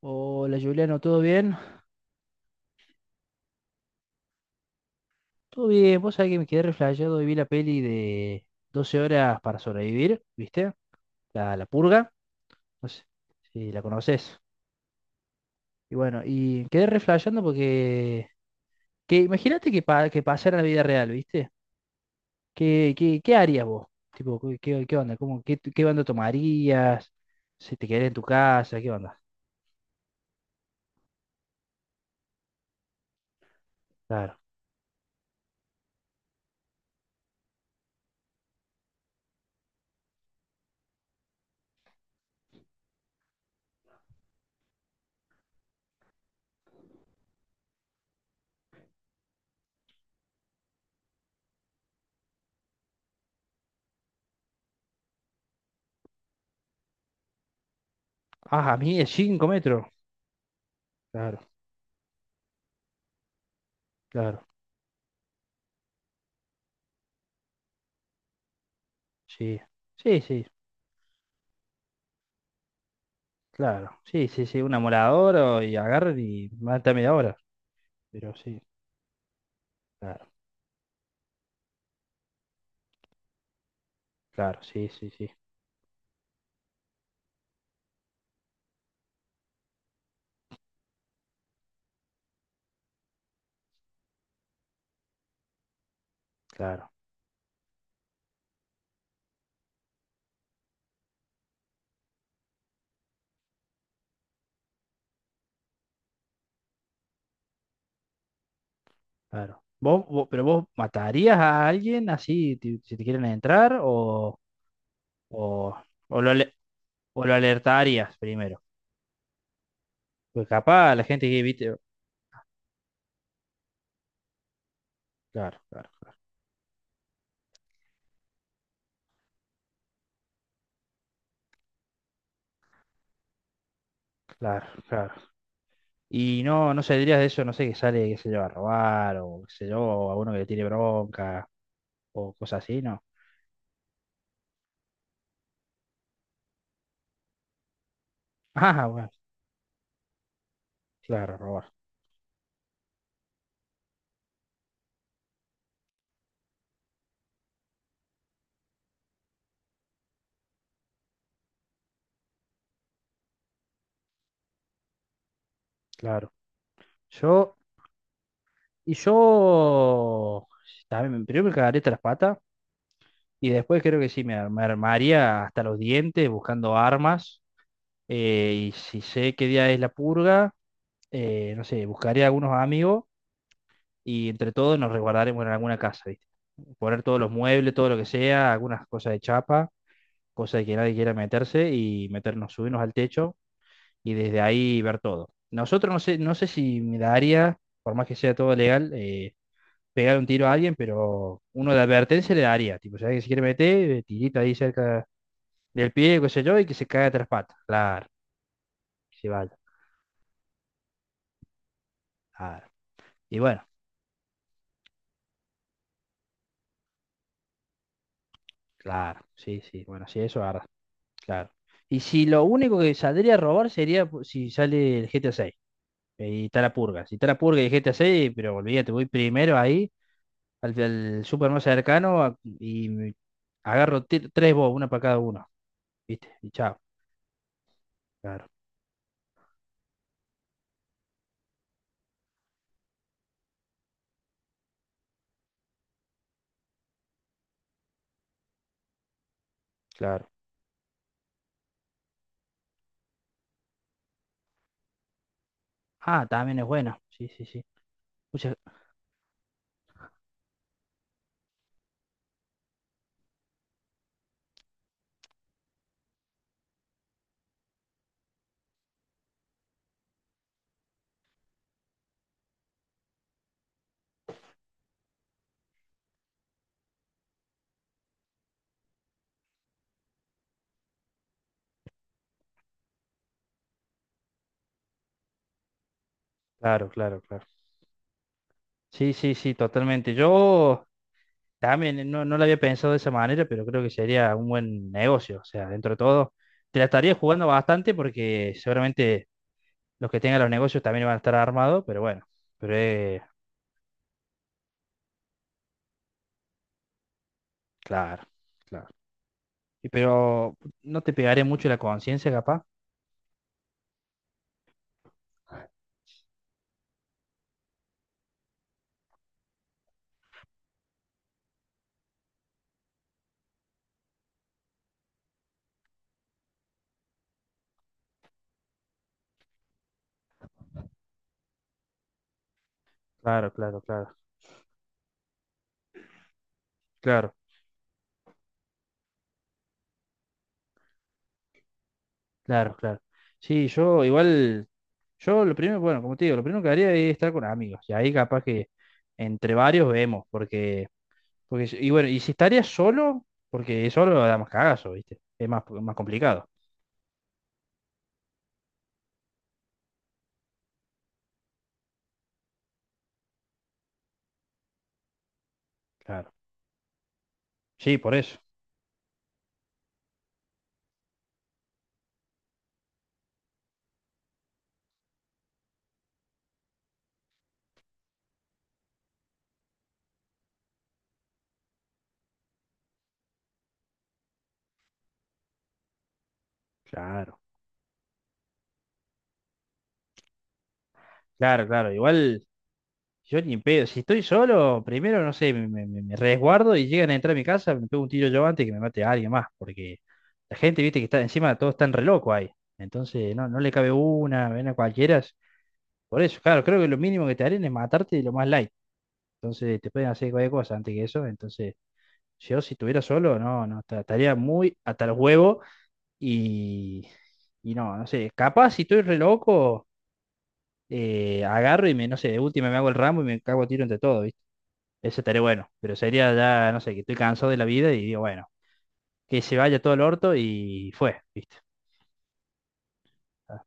Hola Juliano, ¿todo bien? Todo bien, vos sabés que me quedé reflejado y vi la peli de Doce horas para sobrevivir, ¿viste? La purga, no sé si la conoces. Y bueno, y quedé reflejando porque, que imagínate que, que pasara en la vida real, ¿viste? ¿Qué harías vos? Tipo, qué onda? ¿Cómo, qué onda tomarías? Si te quedarías en tu casa, ¿qué onda? Claro. Ah, a mí es 5 metros. Claro, claro, sí. Sí, sí. Claro, sí, sí, sí, un amolador y agarran y mata media hora. Pero sí, claro, claro, sí, sí, sí, claro, claro. Pero vos matarías a alguien si te quieren entrar o, o lo, ale- o lo alertarías primero? Porque capaz la gente que viste. Claro, claro, claro, claro. Y no, no saldrías de eso, no sé, que sale, que se lleva a robar, o qué sé yo, o a uno que le tire bronca, o cosas así, ¿no? Ah, bueno, claro, robar, claro. Yo. Y yo también, primero me cagaría hasta las patas y después creo que sí, me armaría hasta los dientes buscando armas. Y si sé qué día es la purga, no sé, buscaría algunos amigos y entre todos nos resguardaremos en alguna casa, ¿viste? Poner todos los muebles, todo lo que sea, algunas cosas de chapa, cosas de que nadie quiera meterse y meternos, subirnos al techo y desde ahí ver todo. Nosotros no sé, no sé si me daría, por más que sea todo legal, pegar un tiro a alguien, pero uno de advertencia le daría. Tipo, ¿sabes que si quiere meter, tirita ahí cerca del pie, qué sé yo, y que se caiga de tres patas? Claro, que se vaya. Claro. Y bueno, claro, sí, sí. Bueno, sí, eso ahora, claro. Y si lo único que saldría a robar sería si sale el GTA 6 y está la purga. Si está la purga y el GTA 6, pero olvídate, voy primero ahí al, al súper más cercano agarro tres bobos, una para cada uno, ¿viste? Y chao. Claro, claro. Ah, también es bueno. Sí, sí, sí. Muchas. Claro, claro, claro. Sí, sí, sí, totalmente. Yo también, no, no lo había pensado de esa manera, pero creo que sería un buen negocio. O sea, dentro de todo, te la estaría jugando bastante porque seguramente los que tengan los negocios también van a estar armados, pero bueno, pero claro, claro. Y pero no te pegaré mucho la conciencia, capaz. Claro, claro, claro, claro. Claro, claro. Sí, yo igual, yo lo primero, bueno, como te digo, lo primero que haría es estar con amigos. Y ahí capaz que entre varios vemos, porque, si- y bueno, y si estaría solo, porque solo da más cagazo, ¿viste? Es más, más complicado. Claro. Sí, por eso. Claro, claro, claro. Igual, yo ni en pedo. Si estoy solo, primero, no sé, me resguardo y llegan a entrar a mi casa, me pego un tiro yo antes que me mate a alguien más, porque la gente, viste, que está encima, todos están re locos ahí. Entonces, no, no le cabe una, ven a cualquiera. Por eso, claro, creo que lo mínimo que te harían es matarte de lo más light. Entonces te pueden hacer cualquier cosa antes que eso. Entonces, yo si estuviera solo, no, no, estaría muy hasta el huevo y, y no, no sé. Capaz si estoy re loco, agarro y me, no sé, de última me hago el ramo y me cago a tiro entre todo, ¿viste? Eso estaría bueno. Pero sería ya, no sé, que estoy cansado de la vida y digo, bueno, que se vaya todo el orto y fue, ¿viste? Ah,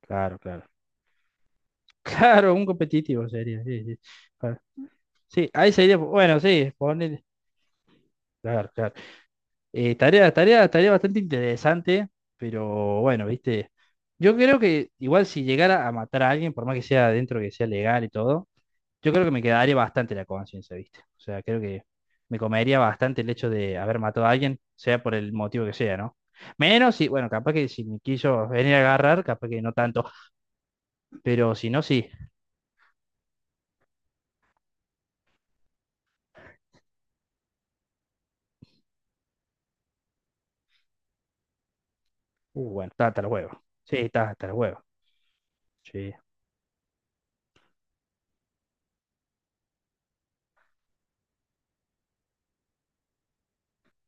claro, claro. Claro, un competitivo sería, sí, sí. Claro. Sí, ahí sería, bueno, sí, ponele. Claro, claro. Tarea bastante interesante, pero bueno, viste. Yo creo que igual si llegara a matar a alguien, por más que sea dentro que sea legal y todo, yo creo que me quedaría bastante la conciencia, viste. O sea, creo que me comería bastante el hecho de haber matado a alguien, sea por el motivo que sea, ¿no? Menos si, bueno, capaz que si me quiso venir a agarrar, capaz que no tanto, pero si no, sí. Bueno, está hasta los huevos. Sí, está hasta los huevos. Sí,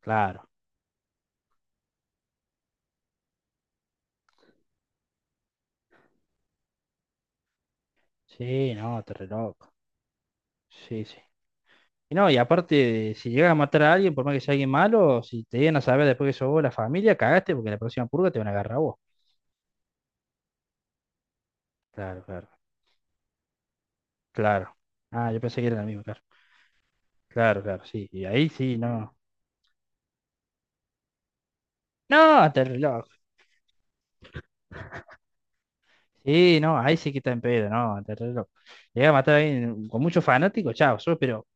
claro. Sí, no, te re loco. Sí, sí. Y no, y aparte, si llegas a matar a alguien, por más que sea alguien malo, si te llegan a saber después que sos vos la familia, cagaste porque la próxima purga te van a agarrar a vos. Claro, claro, claro. Ah, yo pensé que era la misma, claro. Claro, claro, sí. Y ahí sí, no. No, hasta el reloj. Sí, no, ahí sí que está en pedo, no, hasta el reloj. Llegas a matar a alguien con muchos fanáticos, chao, sos, pero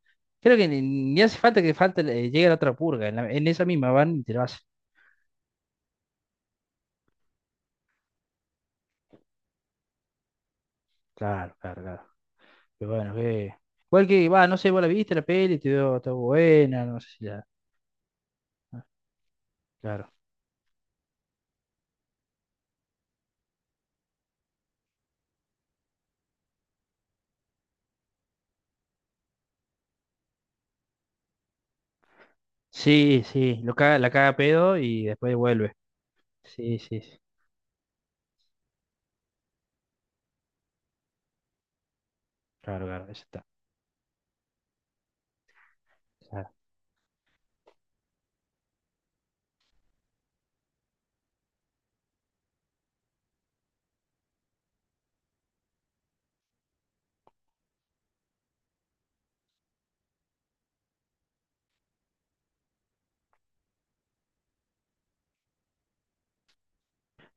creo que ni hace falta que falte, llegue la otra purga. En esa misma van y te lo hacen. Claro, claro, claro. Pero bueno, que. Igual que, va, no sé, vos la viste la peli, te dio, está buena, no sé si la. Claro, sí, sí, lo caga, la caga a pedo y después vuelve. Sí, sí, sí, claro, claro, ya está, claro.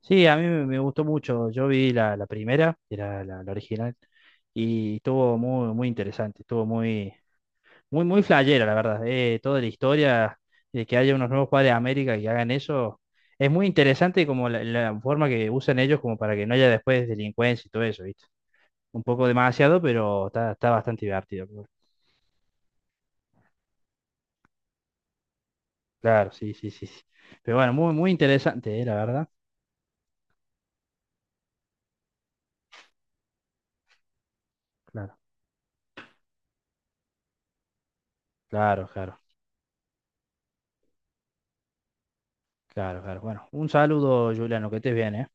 Sí, a mí me gustó mucho. Yo vi la, primera, que era la, original, y estuvo muy, muy interesante, estuvo muy, muy, muy flayera, la verdad. Toda la historia de que haya unos nuevos padres de América que hagan eso, es muy interesante como la, forma que usan ellos como para que no haya después delincuencia y todo eso, ¿viste? Un poco demasiado, pero está, está bastante divertido. Claro, sí, sí, sí, sí. Pero bueno, muy, muy interesante, la verdad. Claro, claro, claro, claro, claro. Bueno, un saludo, Juliano, que estés bien, ¿eh?